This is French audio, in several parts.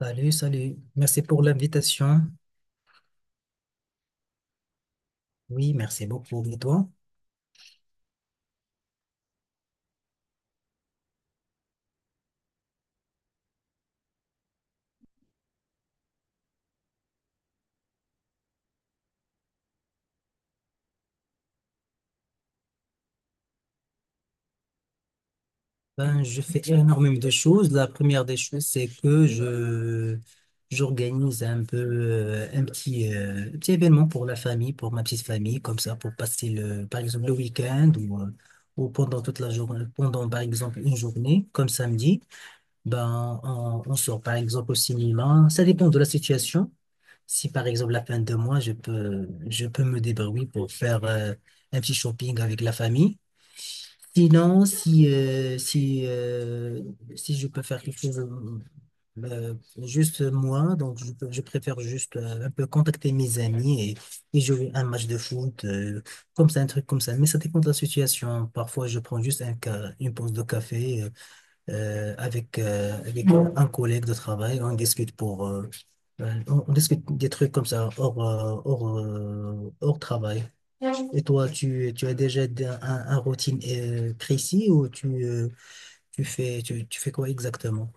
Salut, salut. Merci pour l'invitation. Oui, merci beaucoup. Et toi? Ben, je fais énormément de choses. La première des choses, c'est que je j'organise un peu un petit, petit événement pour la famille, pour ma petite famille, comme ça, pour passer le, par exemple, le week-end ou pendant toute la journée, pendant par exemple une journée, comme samedi. Ben, on sort par exemple au cinéma. Ça dépend de la situation. Si par exemple la fin de mois, je peux me débrouiller pour faire un petit shopping avec la famille. Sinon, si je peux faire quelque chose euh, juste moi, donc je préfère juste un peu contacter mes amis et jouer un match de foot, comme ça, un truc comme ça. Mais ça dépend de la situation. Parfois, je prends juste une pause de café. Avec, avec un collègue de travail. On discute pour, on discute des trucs comme ça hors, hors, hors travail. Et toi, tu as déjà un routine précis ou tu fais quoi exactement?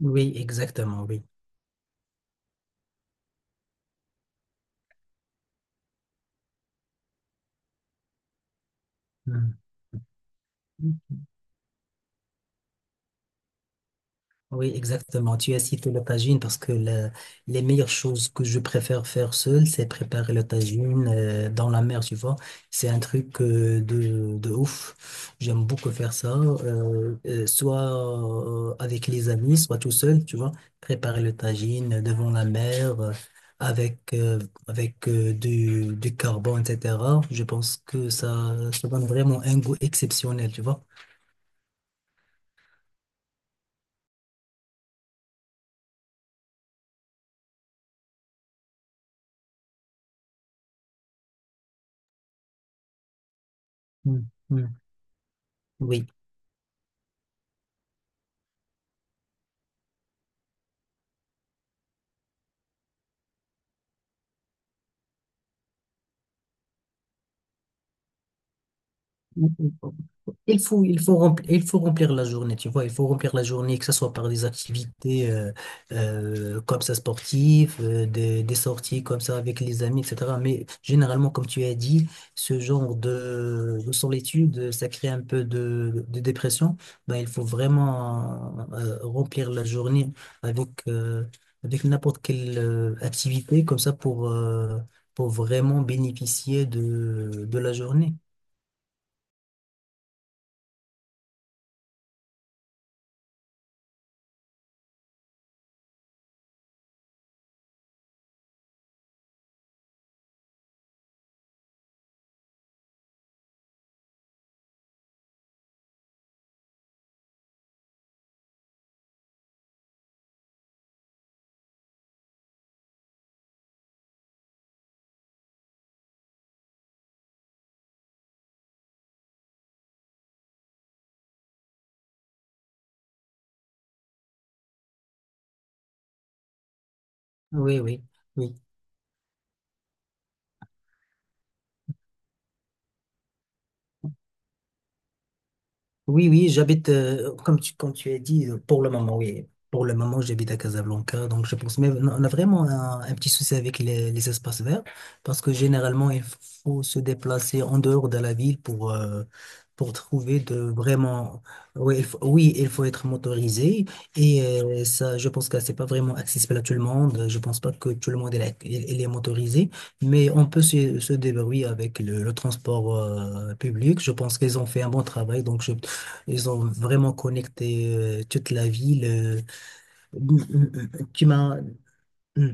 Oui, exactement, oui. Hmm. Oui, exactement. Tu as cité le tagine parce que les meilleures choses que je préfère faire seul, c'est préparer le tagine dans la mer, tu vois. C'est un truc de ouf. J'aime beaucoup faire ça, soit avec les amis, soit tout seul, tu vois. Préparer le tagine devant la mer avec, euh, avec du carbone, etc. Je pense que ça donne vraiment un goût exceptionnel, tu vois. Mm, mm. Oui. Il faut remplir la journée, tu vois, il faut remplir la journée, que ce soit par des activités comme ça sportives, euh, des sorties comme ça avec les amis, etc. Mais généralement, comme tu as dit, ce genre de solitude, ça crée un peu de dépression. Ben, il faut vraiment remplir la journée avec, euh, avec n'importe quelle activité comme ça pour vraiment bénéficier de la journée. Oui, oui. Oui. Oui, oui, j'habite, comme tu as dit, pour le moment, oui. Pour le moment, j'habite à Casablanca, donc je pense, mais on a vraiment un petit souci avec les espaces verts, parce que généralement, il faut se déplacer en dehors de la ville pour trouver de vraiment, oui, il faut être motorisé, et ça, je pense que c'est pas vraiment accessible à tout le monde, je pense pas que tout le monde est, il est motorisé, mais on peut se débrouiller avec le transport public, je pense qu'ils ont fait un bon travail, donc je ils ont vraiment connecté toute la ville. Mm, mm, mm. tu m'as. Mm.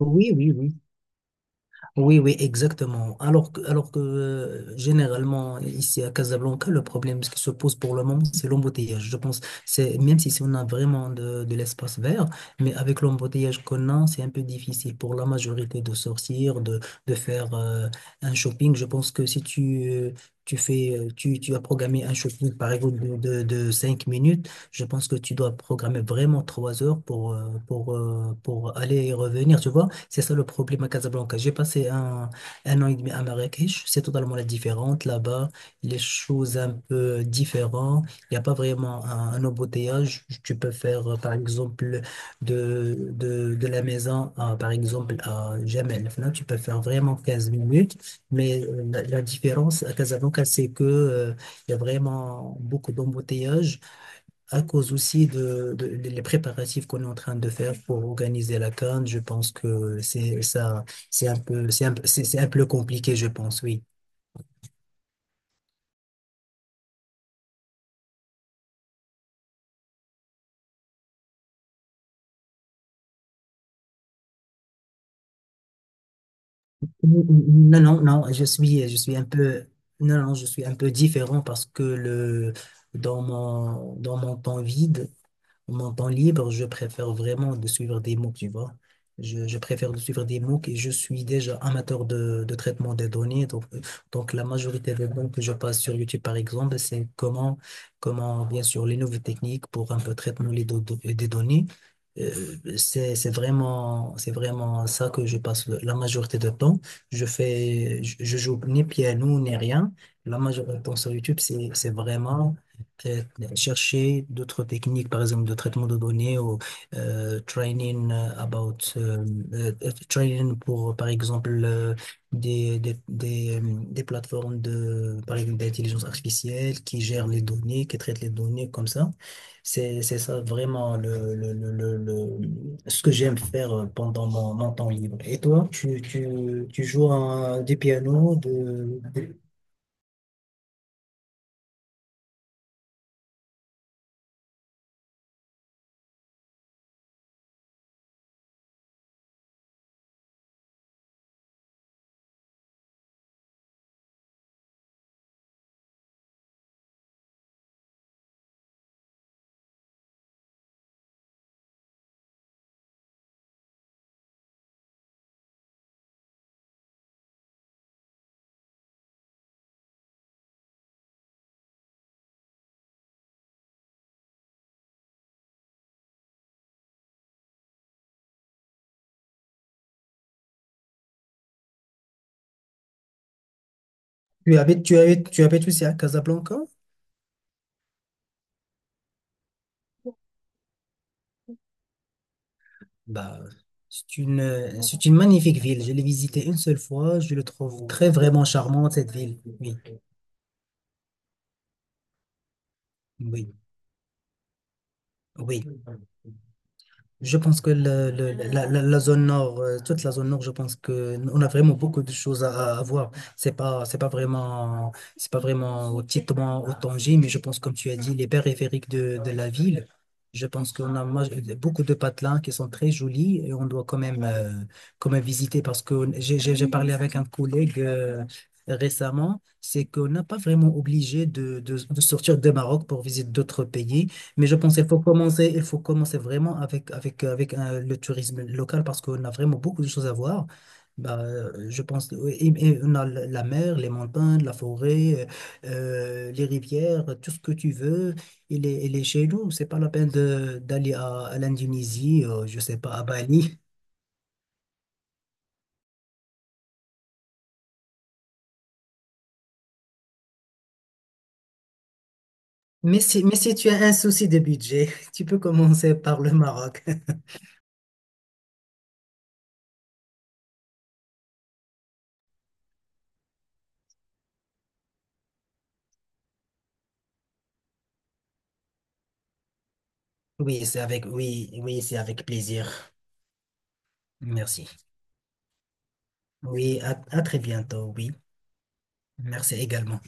Oui, oui, oui. Oui, oui, exactement. Alors que généralement, ici à Casablanca, le problème qui se pose pour le moment, c'est l'embouteillage. Je pense, c'est, même si, si on a vraiment de l'espace vert, mais avec l'embouteillage qu'on a, c'est un peu difficile pour la majorité de sortir, de faire un shopping. Je pense que si tu, tu fais, euh, tu as programmé un shopping, par exemple, de 5 minutes, je pense que tu dois programmer vraiment 3 heures pour, pour aller et revenir, tu vois? C'est ça le problème à Casablanca. J'ai passé un an et demi à Marrakech. C'est totalement la différente. Là-bas, les choses un peu différentes. Il n'y a pas vraiment un embouteillage. Tu peux faire, par exemple, de la maison, à, par exemple, à Jamel. Enfin, là, tu peux faire vraiment 15 minutes. Mais euh, la différence à Casablanca, c'est que, il y a vraiment beaucoup d'embouteillages à cause aussi de les préparatifs qu'on est en train de faire pour organiser la CAN, je pense que c'est ça, c'est un peu, c'est un peu compliqué, je pense, oui. Non, non, non, je suis un peu, non, non, je suis un peu différent parce que le, dans mon temps vide, mon temps libre, je préfère vraiment de suivre des MOOC, tu vois. Je préfère de suivre des MOOC et je suis déjà amateur de traitement des données. Donc la majorité des MOOC que je passe sur YouTube, par exemple, c'est comment, comment, bien sûr, les nouvelles techniques pour un peu traitement des données. C'est vraiment ça que je passe la majorité de temps. Je joue ni piano ni rien. La majorité de temps sur YouTube, c'est vraiment euh, chercher d'autres techniques, par exemple de traitement de données ou euh, training euh, about euh, training pour par exemple des plateformes de par exemple d'intelligence artificielle qui gèrent les données, qui traitent les données comme ça. C'est ça vraiment ce que j'aime faire pendant mon temps libre. Et toi, tu joues du piano, tu habites aussi à Casablanca? Bah, c'est une magnifique ville. Je l'ai visitée une seule fois. Je le trouve très vraiment charmante, cette ville. Oui, oui, oui. Je pense que la zone nord, toute la zone nord, je pense on a vraiment beaucoup de choses à voir. C'est pas vraiment au Tétouan, au Tanger, mais je pense, comme tu as dit, les périphériques de la ville. Je pense qu'on a ma- beaucoup de patelins qui sont très jolis et on doit quand même visiter parce que j'ai parlé avec un collègue récemment, c'est qu'on n'a pas vraiment obligé de sortir de Maroc pour visiter d'autres pays. Mais je pense qu'il faut commencer, il faut commencer vraiment avec le tourisme local parce qu'on a vraiment beaucoup de choses à voir. Bah, je pense, oui, et on a la la mer, les montagnes, la forêt, euh, les rivières, tout ce que tu veux, il est chez nous. C'est pas la peine de- d'aller à l'Indonésie, je sais pas, à Bali. Mais si tu as un souci de budget, tu peux commencer par le Maroc. Oui, c'est avec, oui, oui, c'est avec plaisir. Merci. Oui, à très bientôt, oui. Merci également.